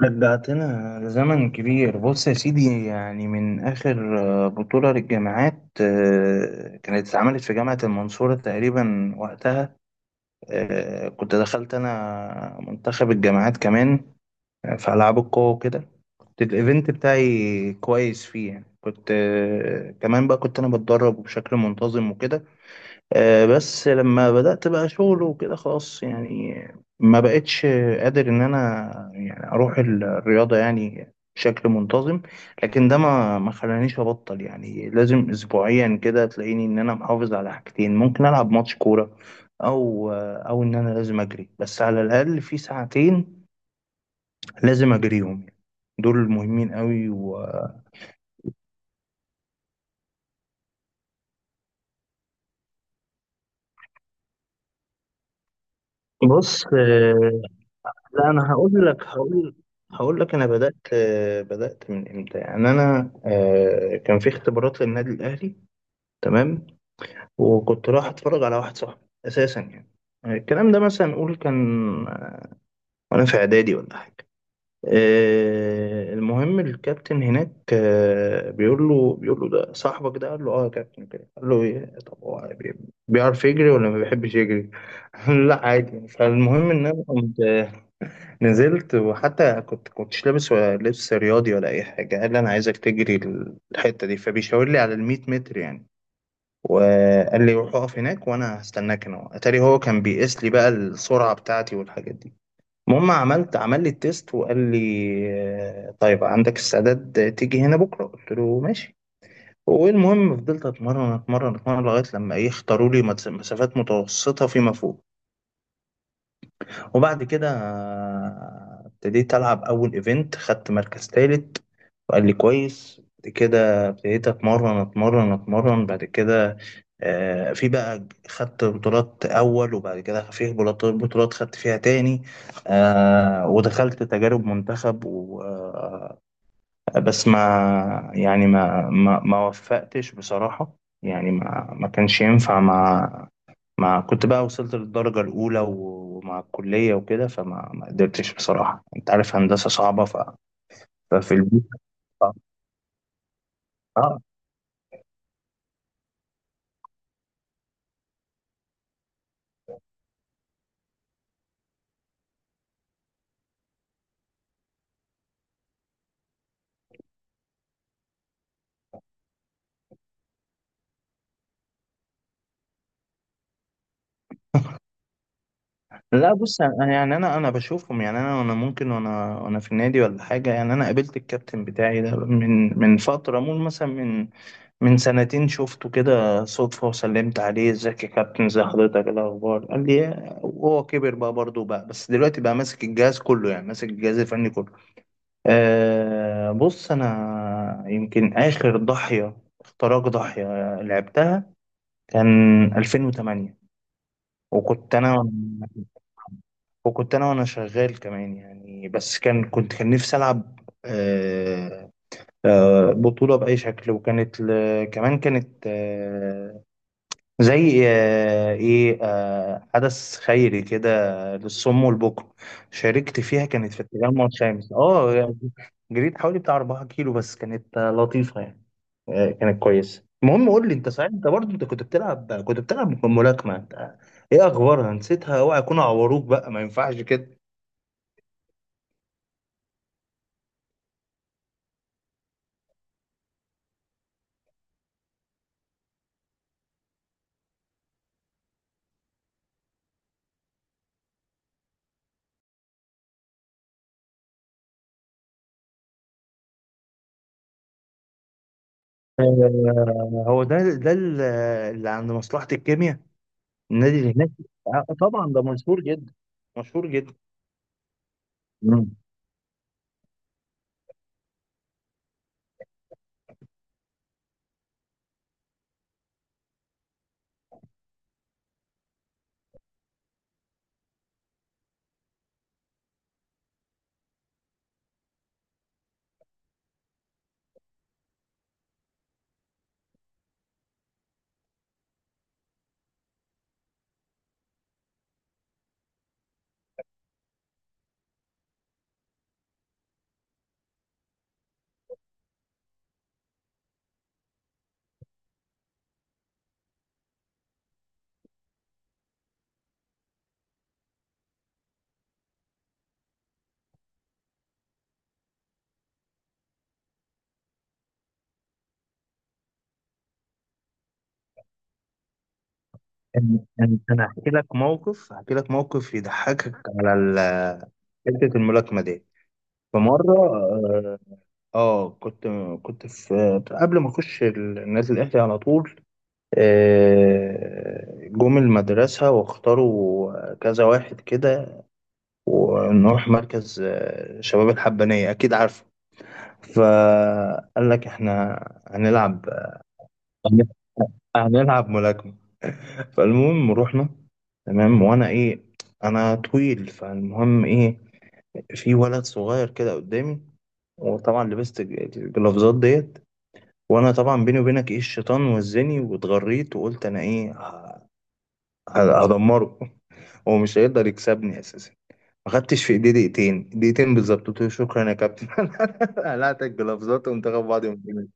رجعتنا لزمن كبير. بص يا سيدي، يعني من آخر بطولة للجامعات، كانت اتعملت في جامعة المنصورة تقريبا وقتها. كنت دخلت أنا منتخب الجامعات كمان، في ألعاب القوة وكده. كنت الإيفنت بتاعي كويس فيه، يعني كنت كمان بقى كنت أنا بتدرب بشكل منتظم وكده. بس لما بدأت بقى شغل وكده، خلاص يعني ما بقتش قادر ان انا يعني اروح الرياضة يعني بشكل منتظم. لكن ده ما خلانيش ابطل. يعني لازم اسبوعيا كده تلاقيني ان انا محافظ على حاجتين، ممكن العب ماتش كورة، او ان انا لازم اجري بس على الاقل في ساعتين، لازم اجريهم يعني. دول مهمين قوي. وبص، لا انا هقول لك، هقول لك انا بدات، من امتى يعني. انا كان في اختبارات للنادي الاهلي. تمام. وكنت رايح اتفرج على واحد صاحبي اساسا يعني. الكلام ده مثلا نقول كان وانا في اعدادي ولا حاجه. المهم، الكابتن هناك بيقول له ده صاحبك ده. قال له: اه يا كابتن. كده قال له: طب هو بيعرف يجري ولا ما بيحبش يجري؟ قال له: لا عادي يعني. فالمهم ان انا قمت نزلت، وحتى كنتش لابس ولا لبس رياضي ولا اي حاجه. قال لي: انا عايزك تجري الحته دي. فبيشاور لي على ال 100 متر يعني، وقال لي: روح اقف هناك وانا هستناك هنا. اتاري هو كان بيقيس لي بقى السرعه بتاعتي والحاجات دي. المهم عمل لي التيست وقال لي: طيب، عندك استعداد تيجي هنا بكره؟ قلت له: ماشي. والمهم فضلت اتمرن اتمرن اتمرن لغايه لما ايه اختاروا لي مسافات متوسطه فيما فوق. وبعد كده ابتديت ألعب أول إيفنت، خدت مركز تالت. وقال لي: كويس. بعد كده ابتديت أتمرن أتمرن أتمرن. بعد كده في بقى خدت بطولات أول، وبعد كده في بطولات خدت فيها تاني. ودخلت تجارب منتخب و آه، بس ما يعني ما وفقتش بصراحة. يعني ما كانش ينفع مع، ما كنت بقى وصلت للدرجة الأولى و- ومع الكلية وكده. فما ما قدرتش بصراحة، أنت عارف هندسة صعبة ف... ففي البيت صعب. آه. لا بص، أنا يعني أنا بشوفهم. يعني أنا ممكن، وأنا في النادي ولا حاجة يعني. أنا قابلت الكابتن بتاعي ده من من فترة مول، مثلا من من سنتين شفته كده صدفة وسلمت عليه: إزيك يا كابتن، إزي حضرتك، إيه الأخبار. قال لي وهو كبر بقى برضه بقى، بس دلوقتي بقى ماسك الجهاز كله، يعني ماسك الجهاز الفني كله. أه، بص، أنا يمكن آخر ضحية لعبتها كان 2008. وكنت أنا وكنت أنا وأنا شغال كمان يعني، بس كان نفسي ألعب. أه. بطولة بأي شكل. وكانت ل... كمان كانت زي آه، ايه آه، حدث خيري كده، للصم والبكم، شاركت فيها. كانت في التجمع الخامس. اه، جريت حوالي بتاع 4 كيلو، بس كانت لطيفة يعني. كانت كويسة. المهم، قول لي انت، صحيح انت برضه انت كنت بتلعب ملاكمة انت؟ ايه اخبارها؟ نسيتها؟ اوعى يكونوا عوروك بقى، ما ينفعش كده. هو ده اللي عند مصلحة الكيمياء، النادي اللي هناك. طبعا ده مشهور جدا، مشهور جدا. أنا هحكي لك موقف، يضحكك على حتة الملاكمة دي. في مرة آه آه، كنت كنت في، قبل ما أخش نادي الأهلي على طول، جم المدرسة واختاروا كذا واحد كده، ونروح مركز شباب الحبانية، أكيد عارفه. فقال لك: إحنا هنلعب هنلعب ملاكمة. فالمهم رحنا. تمام، وانا ايه، انا طويل. فالمهم ايه، في ولد صغير كده قدامي. وطبعا لبست الجلافزات ديت، وانا طبعا بيني وبينك، ايه، الشيطان وزني واتغريت وقلت انا ايه هدمره. هو مش هيقدر يكسبني اساسا. ما خدتش في ايدي دقيقتين، دقيقتين بالظبط، قلت له: شكرا يا كابتن. قلعت الجلافزات وقمت واخد بعضي ومجري.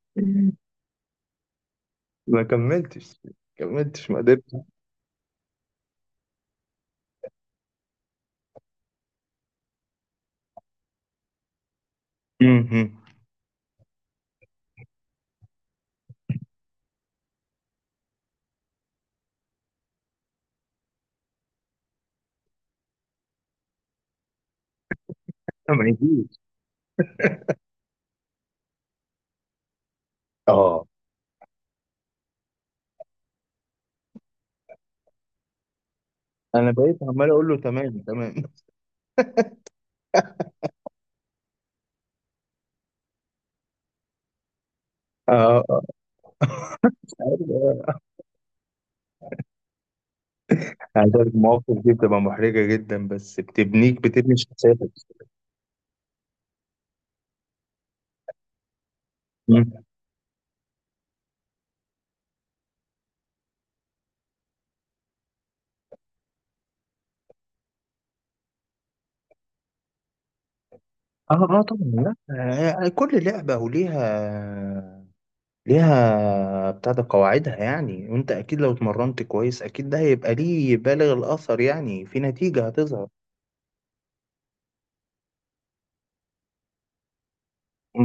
ما كملتش، ما قدرتش. م- م. ما يجيش. اه، انا بقيت عمال اقول له: تمام، تمام. اه. آه، عارف. عايز أقول لك، مواقف دي بتبقى محرجه جدا، بس بتبني شخصيتك. مم. اه، اه، طبعا لا. كل لعبه وليها، بتاع ده قواعدها يعني. وانت اكيد لو اتمرنت كويس، اكيد ده هيبقى ليه بالغ الاثر يعني، في نتيجه هتظهر.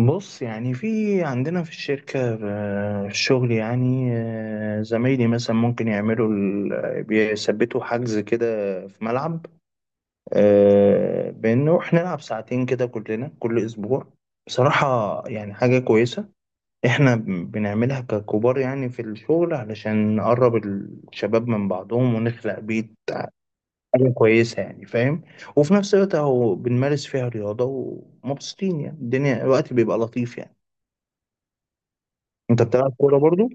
بص، يعني في، عندنا في الشركة في الشغل يعني، زمايلي مثلا ممكن يعملوا بيثبتوا حجز كده في ملعب، بان نروح نلعب ساعتين كده كلنا كل اسبوع. بصراحة يعني حاجة كويسة. احنا بنعملها ككبار يعني في الشغل، علشان نقرب الشباب من بعضهم ونخلق بيت. حاجة كويسة يعني، فاهم؟ وفي نفس الوقت اهو بنمارس فيها رياضة، ومبسوطين يعني، الدنيا، الوقت بيبقى لطيف يعني. انت بتلعب كورة برضو؟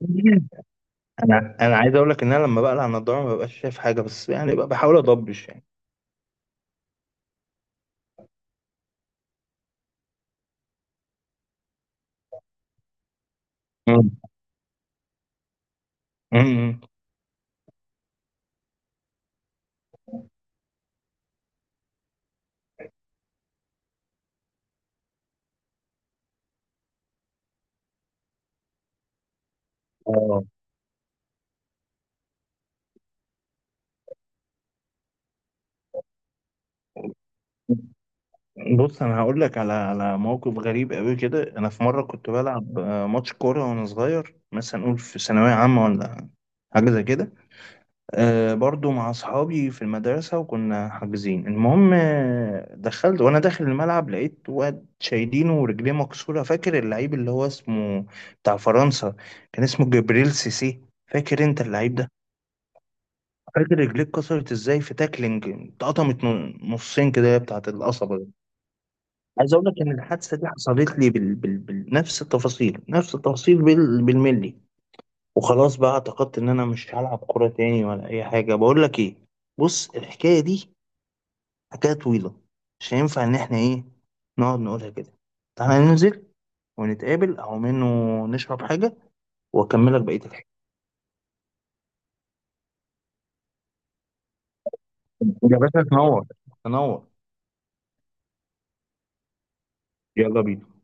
انا عايز اقول لك ان انا لما بقلع النضارة ما ببقاش شايف حاجة، بس يعني بقى بحاول اضبش يعني. امم. امم. اه، بص، انا هقول لك على موقف غريب قوي كده. انا في مره كنت بلعب ماتش كوره وانا صغير، مثلا نقول في ثانويه عامه ولا حاجه زي كده. برضو مع اصحابي في المدرسه، وكنا حاجزين. المهم دخلت وانا داخل الملعب لقيت واد شايلينه ورجليه مكسوره. فاكر اللعيب اللي هو اسمه بتاع فرنسا، كان اسمه جبريل سيسي؟ فاكر انت اللعيب ده؟ فاكر رجليه اتكسرت ازاي في تاكلينج، اتقطمت نصين كده بتاعت القصبه. عايز اقول لك ان الحادثه دي حصلت لي بنفس التفاصيل، نفس التفاصيل، بالملي. وخلاص بقى اعتقدت ان انا مش هلعب كوره تاني ولا اي حاجه. بقول لك ايه، بص، الحكايه دي حكايه طويله، مش هينفع ان احنا ايه نقعد نقولها كده. تعالى ننزل ونتقابل، او منه نشرب حاجه واكملك بقيه الحكايه. يا باشا، تنور. تنور. يلا بينا.